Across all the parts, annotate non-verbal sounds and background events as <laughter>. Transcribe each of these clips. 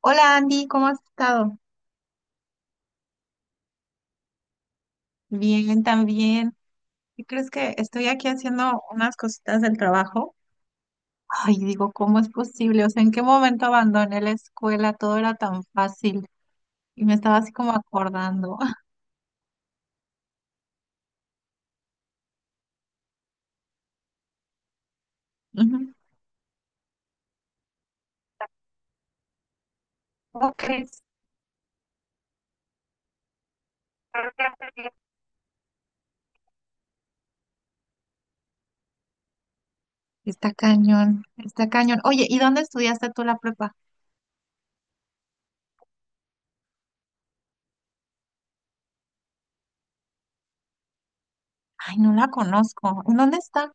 Hola Andy, ¿cómo has estado? Bien, también. ¿Y crees que estoy aquí haciendo unas cositas del trabajo? Ay, digo, ¿cómo es posible? O sea, ¿en qué momento abandoné la escuela? Todo era tan fácil y me estaba así como acordando. <laughs> Ujú. ¿Cómo crees? Está cañón, está cañón. Oye, ¿y dónde estudiaste tú la prepa? Ay, no la conozco. ¿En dónde está?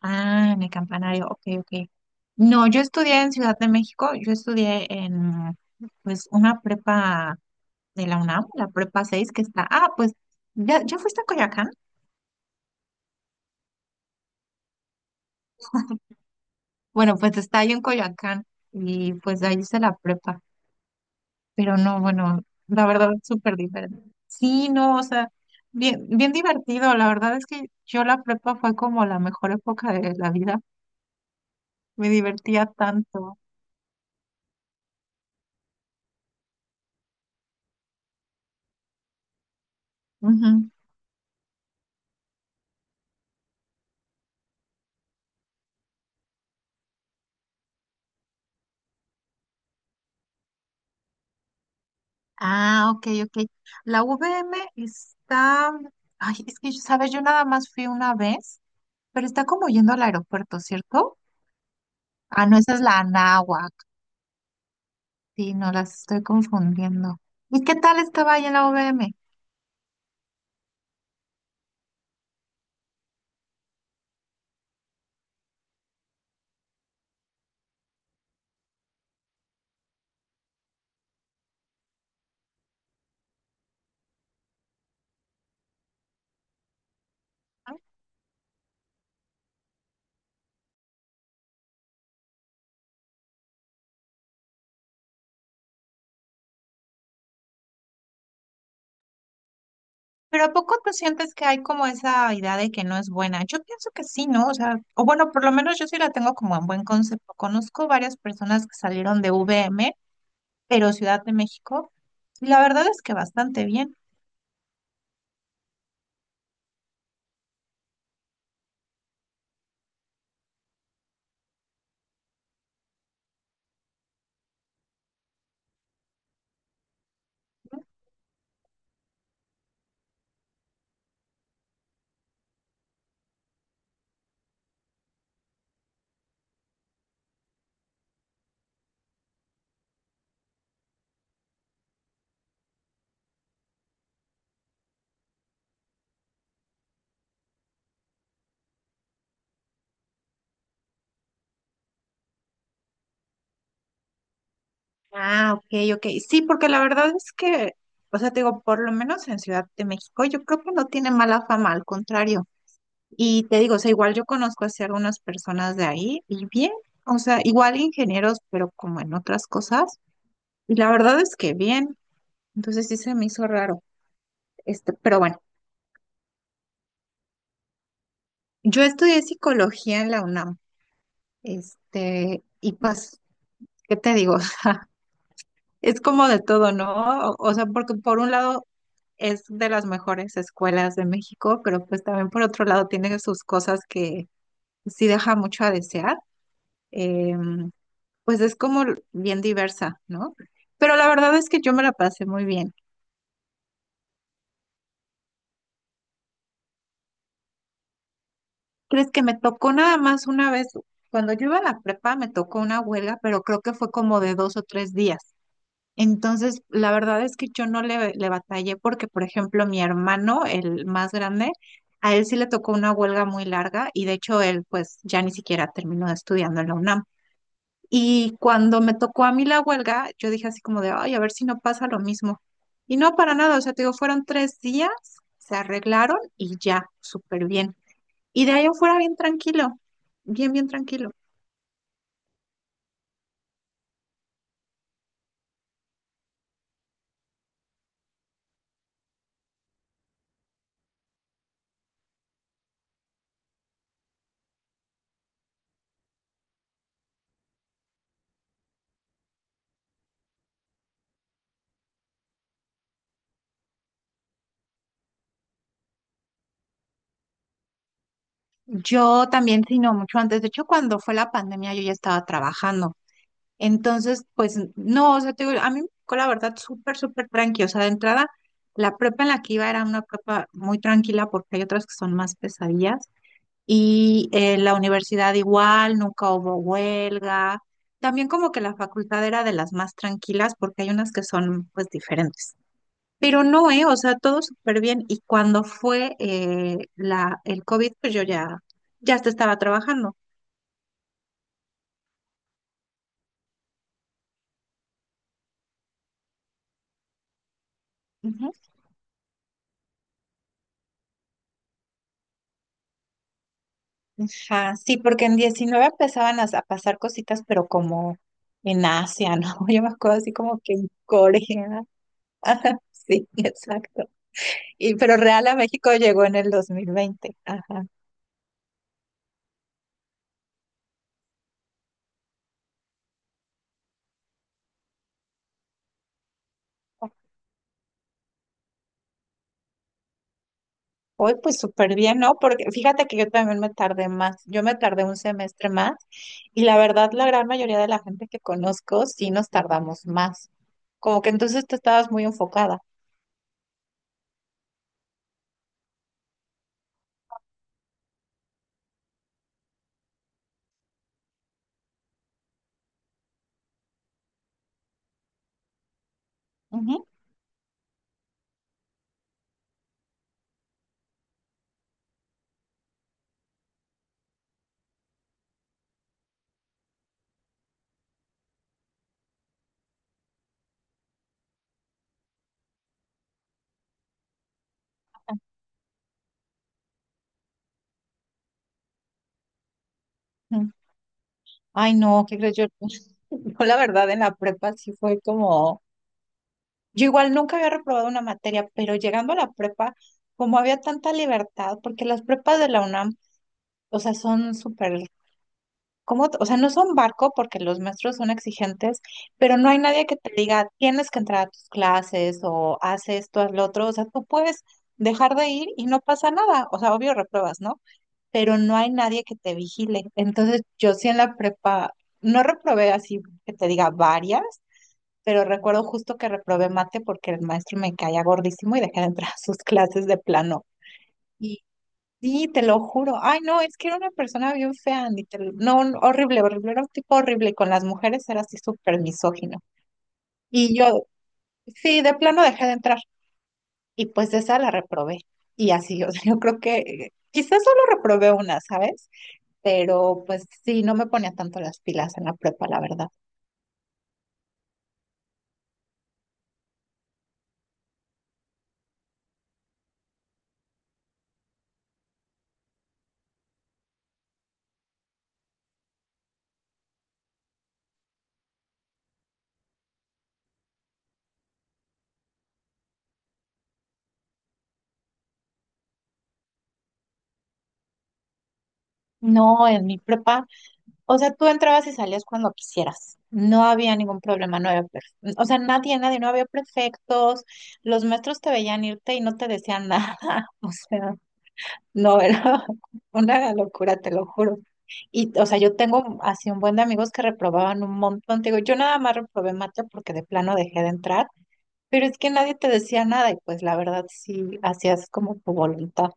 Ah, en el campanario. Ok, ok. No, yo estudié en Ciudad de México. Yo estudié en, pues, una prepa. De la UNAM, la Prepa 6 que está. Ah, pues, ¿Ya fuiste a Coyoacán? Bueno, pues está ahí en Coyoacán y pues ahí hice la prepa. Pero no, bueno, la verdad es súper diferente. Sí, no, o sea, bien, bien divertido. La verdad es que yo la prepa fue como la mejor época de la vida. Me divertía tanto. Ujú. Ah, ok, ok. La VM está. Ay, es que, ¿sabes? Yo nada más fui una vez, pero está como yendo al aeropuerto, ¿cierto? Ah, no, esa es la Anáhuac. Sí, no las estoy confundiendo. ¿Y qué tal estaba ahí en la U V M? Pero ¿a poco tú sientes que hay como esa idea de que no es buena? Yo pienso que sí, ¿no? O sea, o bueno, por lo menos yo sí la tengo como en buen concepto. Conozco varias personas que salieron de U V M, pero Ciudad de México, y la verdad es que bastante bien. Ah, ok, ok. Sí, porque la verdad es que, o sea, te digo, por lo menos en Ciudad de México, yo creo que no tiene mala fama, al contrario. Y te digo, o sea, igual yo conozco así algunas personas de ahí y bien, o sea, igual ingenieros, pero como en otras cosas. Y la verdad es que bien, entonces sí se me hizo raro. Este, pero bueno, yo estudié psicología en la UNAM, este, y pues, ¿qué te digo? <laughs> O sea, es como de todo, ¿no? O sea, porque por un lado es de las mejores escuelas de México, pero pues también por otro lado tiene sus cosas que sí deja mucho a desear. Em, pues es como bien diversa, ¿no? Pero la verdad es que yo me la pasé muy bien. ¿Crees que me tocó nada más una vez? Cuando yo iba a la prepa me tocó una huelga, pero creo que fue como de 2 o 3 días. Entonces, la verdad es que yo no le batallé porque, por ejemplo, mi hermano, el más grande, a él sí le tocó una huelga muy larga y de hecho él pues ya ni siquiera terminó estudiando en la UNAM. Y cuando me tocó a mí la huelga, yo dije así como de, ay, a ver si no pasa lo mismo. Y no para nada, o sea, te digo, fueron 3 días, se arreglaron y ya, súper bien. Y de ahí afuera bien tranquilo, bien, bien tranquilo. Yo también, sí, no, mucho antes. De hecho, cuando fue la pandemia, yo ya estaba trabajando. Entonces, pues, no, o sea, te digo, a mí me tocó la verdad súper, súper tranqui. O sea, de entrada, la prepa en la que iba era una prepa muy tranquila porque hay otras que son más pesadillas. Y en la universidad igual, nunca hubo huelga. También como que la facultad era de las más tranquilas porque hay unas que son pues diferentes. Pero no, ¿eh? O sea, todo súper bien. Y cuando fue el COVID, pues yo ya, hasta estaba trabajando. Ujú. Ajá, sí, porque en 19 empezaban a pasar cositas, pero como en Asia, ¿no? <laughs> Yo me acuerdo así como que en Corea. Sí, <laughs> exacto. Y, pero real a México llegó en el 2020. Ajá. Hoy pues súper bien, ¿no? Porque fíjate que yo también me tardé más, yo me tardé un semestre más y la verdad la gran mayoría de la gente que conozco sí nos tardamos más. Como que entonces tú estabas muy enfocada. Ujú. Ujú. Ay, no, ¿qué crees? Yo, <laughs> yo la verdad en la prepa sí fue como, yo igual nunca había reprobado una materia, pero llegando a la prepa, como había tanta libertad, porque las prepas de la UNAM, o sea, son súper como, o sea, no son barco porque los maestros son exigentes, pero no hay nadie que te diga, tienes que entrar a tus clases o haz esto, haz lo otro, o sea, tú puedes dejar de ir y no pasa nada, o sea, obvio repruebas, ¿no? Pero no hay nadie que te vigile. Entonces, yo sí en la prepa, no reprobé así que te diga varias, pero recuerdo justo que reprobé mate porque el maestro me caía gordísimo y dejé de entrar a sus <laughs> clases de plano. Sí, te lo juro. Ay, no, es que era una persona bien fea, ni te lo- no, no, horrible, horrible, era un tipo horrible. Y con las mujeres era así súper misógino. Y yo, sí, de plano dejé de entrar. Y pues de esa la reprobé. Y así, <laughs> o sea, yo creo que quizás solo reprobé una, ¿sabes? Pero pues sí, no me ponía tanto las pilas en la prepa, la verdad. No, en mi prepa. O sea, tú entrabas y salías cuando quisieras. No había ningún problema, no había, o sea, nadie, nadie, no había prefectos. Los maestros te veían irte y no te decían nada. <laughs> O sea, no era <laughs> una locura, te lo juro. Y, o sea, yo tengo así un buen de amigos que reprobaban un montón. Te digo, yo nada más reprobé mate porque de plano dejé de entrar, pero es que nadie te decía nada y pues la verdad sí hacías como tu voluntad.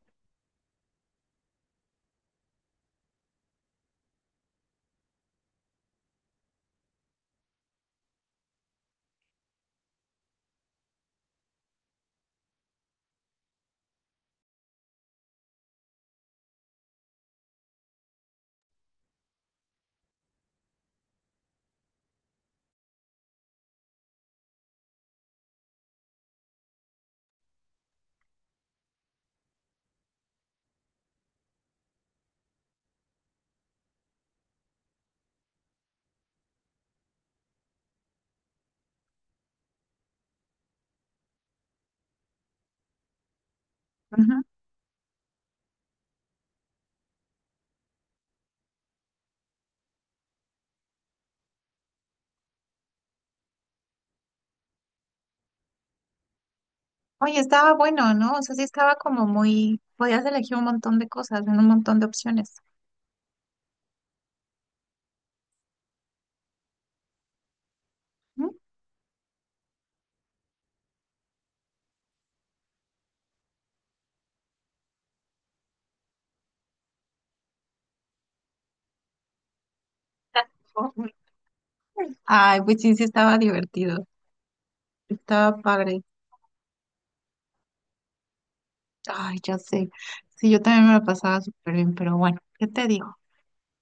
Oye, estaba bueno, ¿no? O sea, sí estaba como muy, podías elegir un montón de cosas, en un montón de opciones. ¿Mm? Ujú. Ay, pues sí, sí estaba divertido, estaba padre. Ay, ya sé. Sí, yo también me lo pasaba súper bien, pero bueno, ¿qué te digo?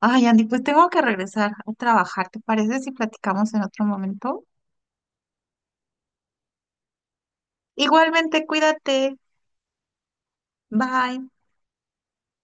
Ay, Andy, pues tengo que regresar a trabajar. ¿Te parece si platicamos en otro momento? Igualmente, cuídate. Bye.